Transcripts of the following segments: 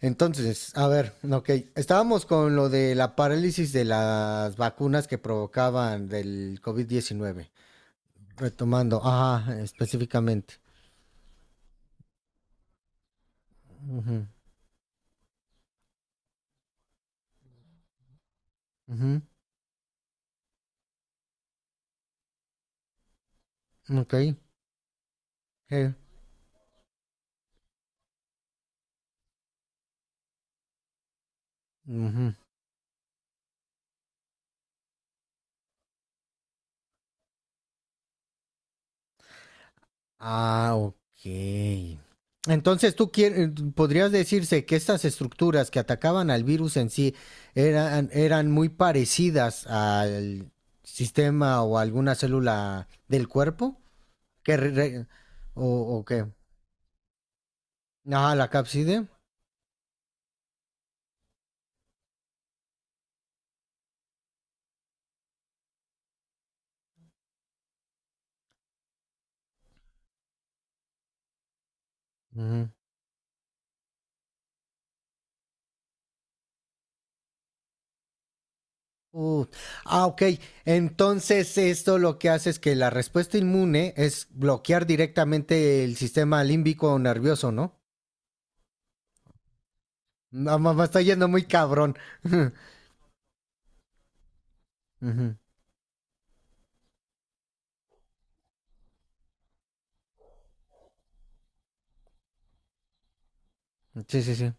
Entonces, a ver, ok, estábamos con lo de la parálisis de las vacunas que provocaban del covid diecinueve. Retomando, ajá, específicamente. Ujú, ujú, ok, eh, ujú. Ah, ok. Entonces, tú quieres, podrías decirse que estas estructuras que atacaban al virus en sí eran muy parecidas al sistema o alguna célula del cuerpo que o, ¿qué? Ah, la cápside. Ujú. Uh, ah, ok. Entonces, esto lo que hace es que la respuesta inmune es bloquear directamente el sistema límbico o nervioso, ¿no? No, mamá, está yendo muy cabrón. Ujú. Sí, sí, sí.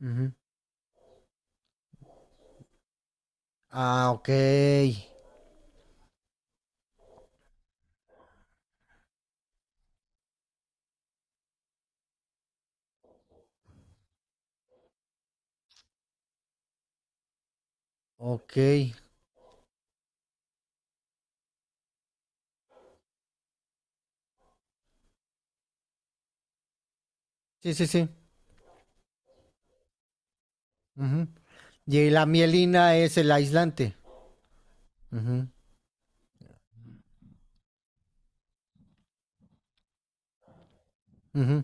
Ujú. Ah, ok. Ok. Sí, sí, sí. Ujú. Y la mielina es el aislante. Ujú, ujú,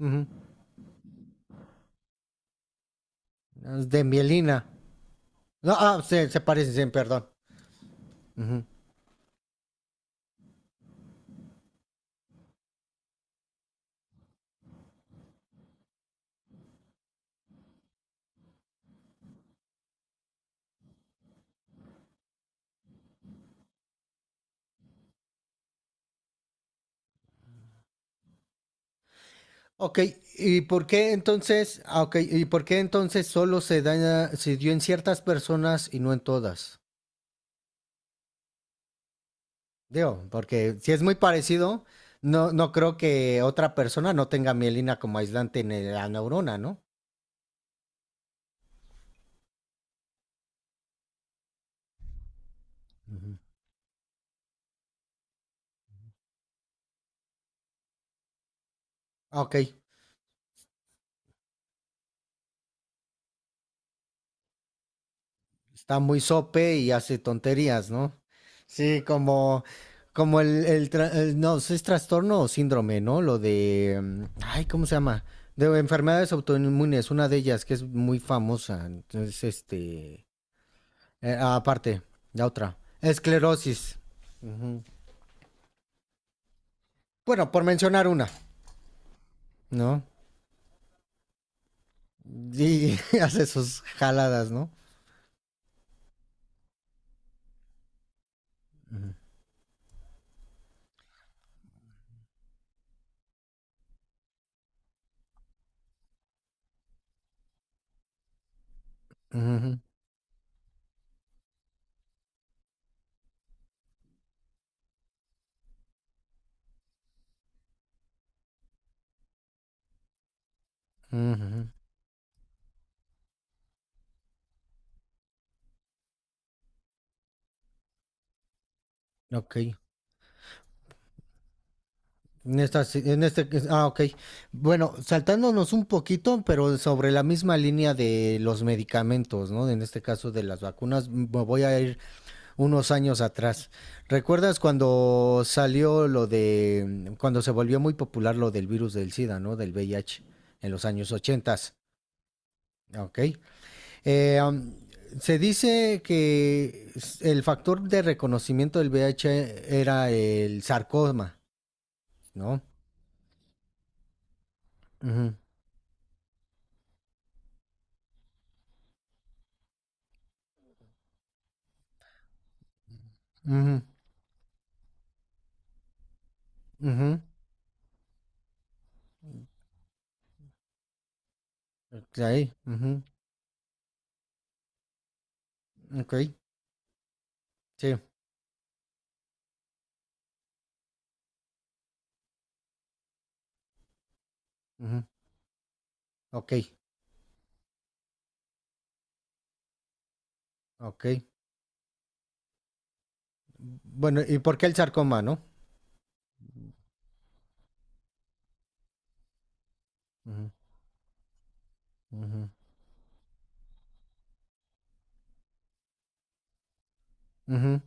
ujú. Es de mielina. No, ah, se parecen, sí, perdón. Ujú. Ok, ¿y por qué entonces, ah, ok, ¿y por qué entonces solo se daña, se dio en ciertas personas y no en todas? Digo, porque si es muy parecido, no, no creo que otra persona no tenga mielina como aislante en la neurona, ¿no? Ujú. Ah, ok, está muy sope y hace tonterías, ¿no? Sí, como, como el no, ¿sí es trastorno o síndrome?, ¿no? Lo de, ay, ¿cómo se llama? De enfermedades autoinmunes, una de ellas que es muy famosa, entonces, este, aparte, la otra, esclerosis. Ujú. Bueno, por mencionar una, ¿no? Y hace sus jaladas, ¿no? Ujú, ujú. Ok. En esta, en este, ah, ok. Bueno, saltándonos un poquito, pero sobre la misma línea de los medicamentos, ¿no? En este caso de las vacunas, me voy a ir unos años atrás. ¿Recuerdas cuando salió lo de, cuando se volvió muy popular lo del virus del SIDA, ¿no? Del VIH en los años 80, ok. Eh, um, se dice que el factor de reconocimiento del VIH era el sarcoma, ¿no? Ujú, ujú. Ujú, ujú, okey, sí, ujú, okey, okey. Bueno, ¿y por qué el sarcoma?, ¿no? Ujú, ujú, ujú,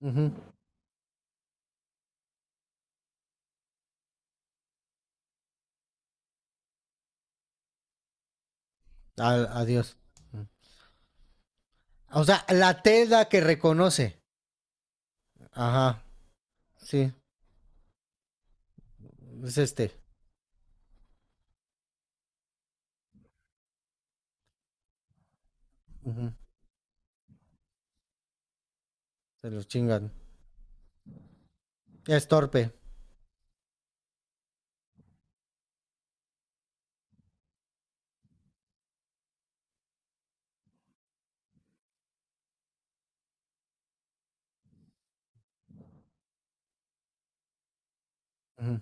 ujú, a adiós. Mm. O sea, la T es la que reconoce. Ajá, sí, es este. Ujú, se los chingan. Es torpe. Ujú,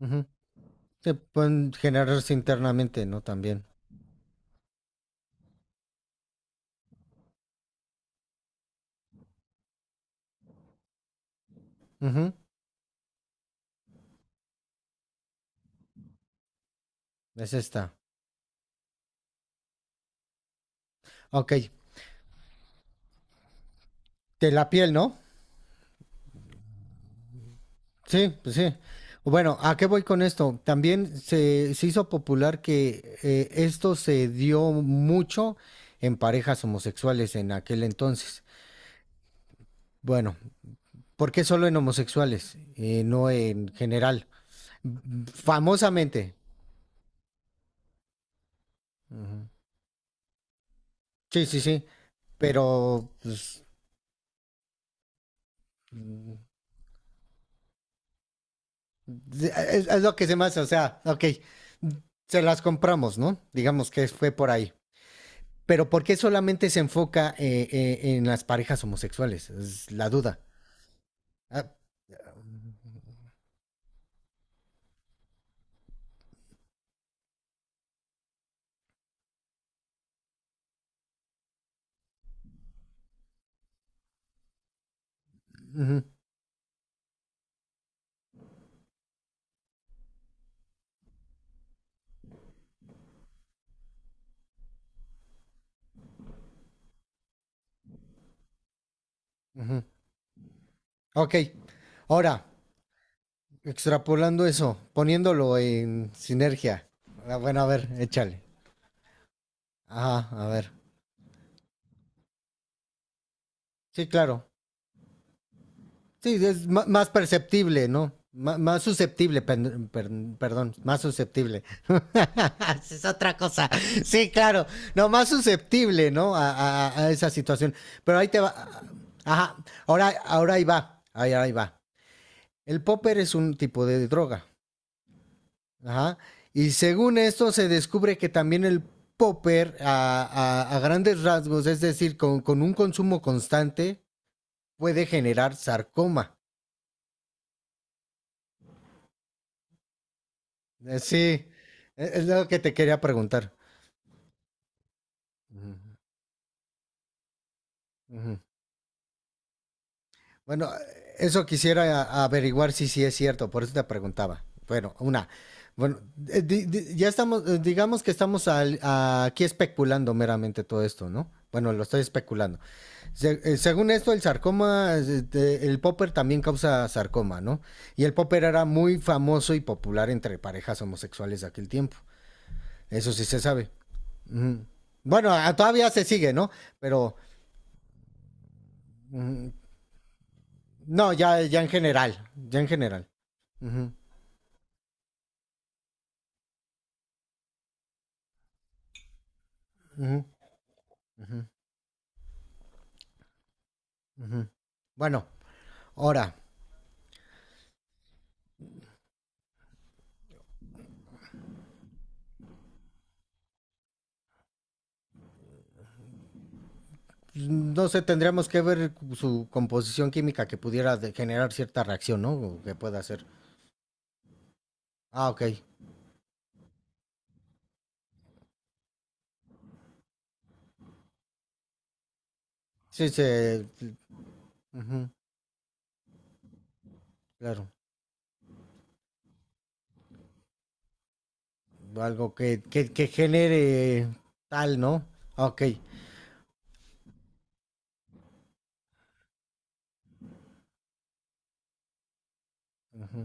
ujú. Se pueden generarse internamente, ¿no? También. Ujú, es esta. Okey, de la piel, ¿no? Sí, pues sí. Bueno, ¿a qué voy con esto? También se hizo popular que esto se dio mucho en parejas homosexuales en aquel entonces. Bueno, ¿por qué solo en homosexuales? No en general. Mm, famosamente. Ujú. Sí, sí, sí. Pero pues, mm, es lo que se me hace. O sea, ok, se las compramos, ¿no? Digamos que fue por ahí. Pero ¿por qué solamente se enfoca en las parejas homosexuales? Es la duda. Ah, ujú, ujú. Ok, ahora, extrapolando eso, poniéndolo en sinergia. Ah, bueno, a ver, échale. Ajá, a ver. Sí, claro. Sí, es más perceptible, ¿no? Más susceptible, perdón, más susceptible. Es otra cosa. Sí, claro. No, más susceptible, ¿no? A, a esa situación. Pero ahí te va. Ajá. Ahora, ahora ahí va. Ahí, ahí va. El popper es un tipo de droga. Ajá. Y según esto se descubre que también el popper a, a grandes rasgos, es decir, con un consumo constante, puede generar sarcoma. Sí, es lo que te quería preguntar. Ujú, ujú. Bueno, eso quisiera averiguar si sí es cierto, por eso te preguntaba. Bueno, una. Bueno, ya estamos, digamos que estamos aquí especulando meramente todo esto, ¿no? Bueno, lo estoy especulando. Según esto, el sarcoma, el popper también causa sarcoma, ¿no? Y el popper era muy famoso y popular entre parejas homosexuales de aquel tiempo. Eso sí se sabe. Mm. Bueno, todavía se sigue, ¿no? Pero mm, no, ya, ya en general, ya en general. Ujú, ujú, ujú. Bueno, ahora, no sé, tendríamos que ver su composición química que pudiera generar cierta reacción, ¿no? O que pueda hacer. Ah, ok. Sí, se... ujú, claro. Algo que, que genere tal, ¿no? Ah, ok. Ujú.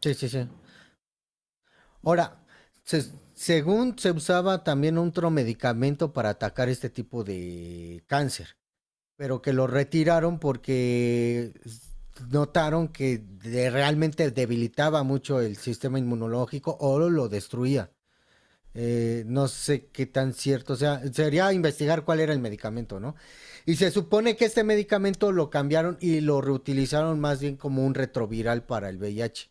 Sí, sí, sí. Ahora, según se usaba también otro medicamento para atacar este tipo de cáncer, pero que lo retiraron porque notaron que realmente debilitaba mucho el sistema inmunológico o lo destruía. No sé qué tan cierto sea. Sería investigar cuál era el medicamento, ¿no? Y se supone que este medicamento lo cambiaron y lo reutilizaron más bien como un retroviral para el VIH.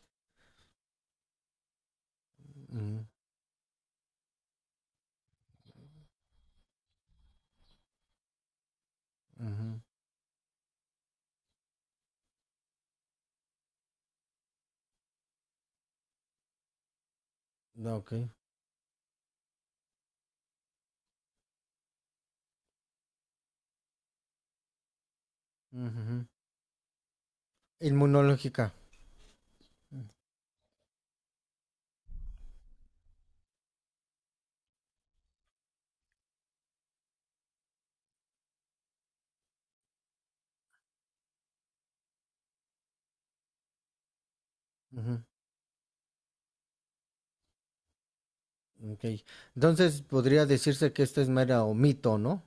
Ujú, ujú. No, ok. Ujú. Inmunológica. Ujú, ok. Entonces podría decirse que esta es mera o mito, ¿no?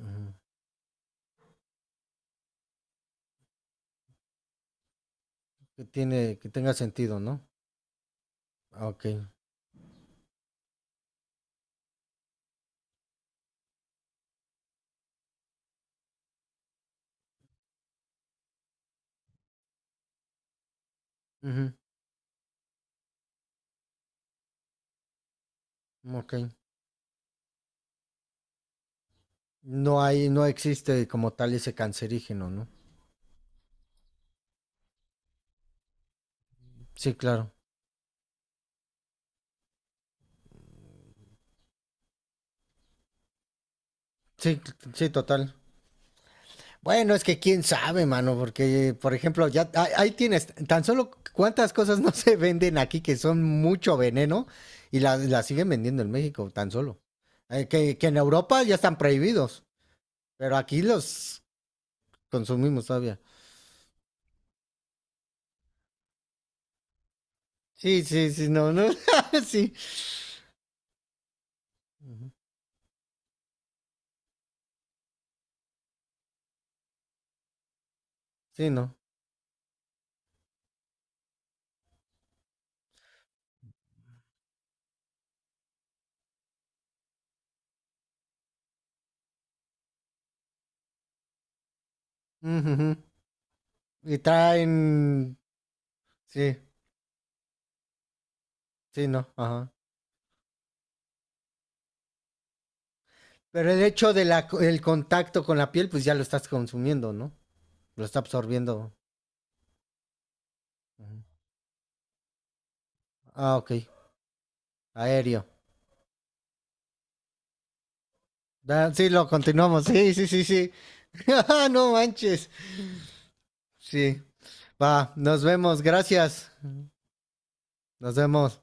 Ujú. Que tiene, que tenga sentido, ¿no? Ah, ok. Ujú, ok. No hay, no existe como tal ese cancerígeno, ¿no? Sí, claro. Sí, sí, total. Bueno, es que quién sabe, mano, porque, por ejemplo, ahí tienes, tan solo cuántas cosas no se venden aquí que son mucho veneno y las siguen vendiendo en México, tan solo. Que en Europa ya están prohibidos. Pero aquí los consumimos todavía. Sí, sí, sí, no, no. Sí. Ujú. Sí, no. Ujujú. Y traen. Sí, sí, no. Ajá. Pero el hecho del el contacto con la piel, pues ya lo estás consumiendo, ¿no? Lo está absorbiendo. Ujú. Ah, ok. Aéreo. Sí, lo continuamos. Sí, sí, sí, sí. No manches. Sí. Va, nos vemos. Gracias. Nos vemos.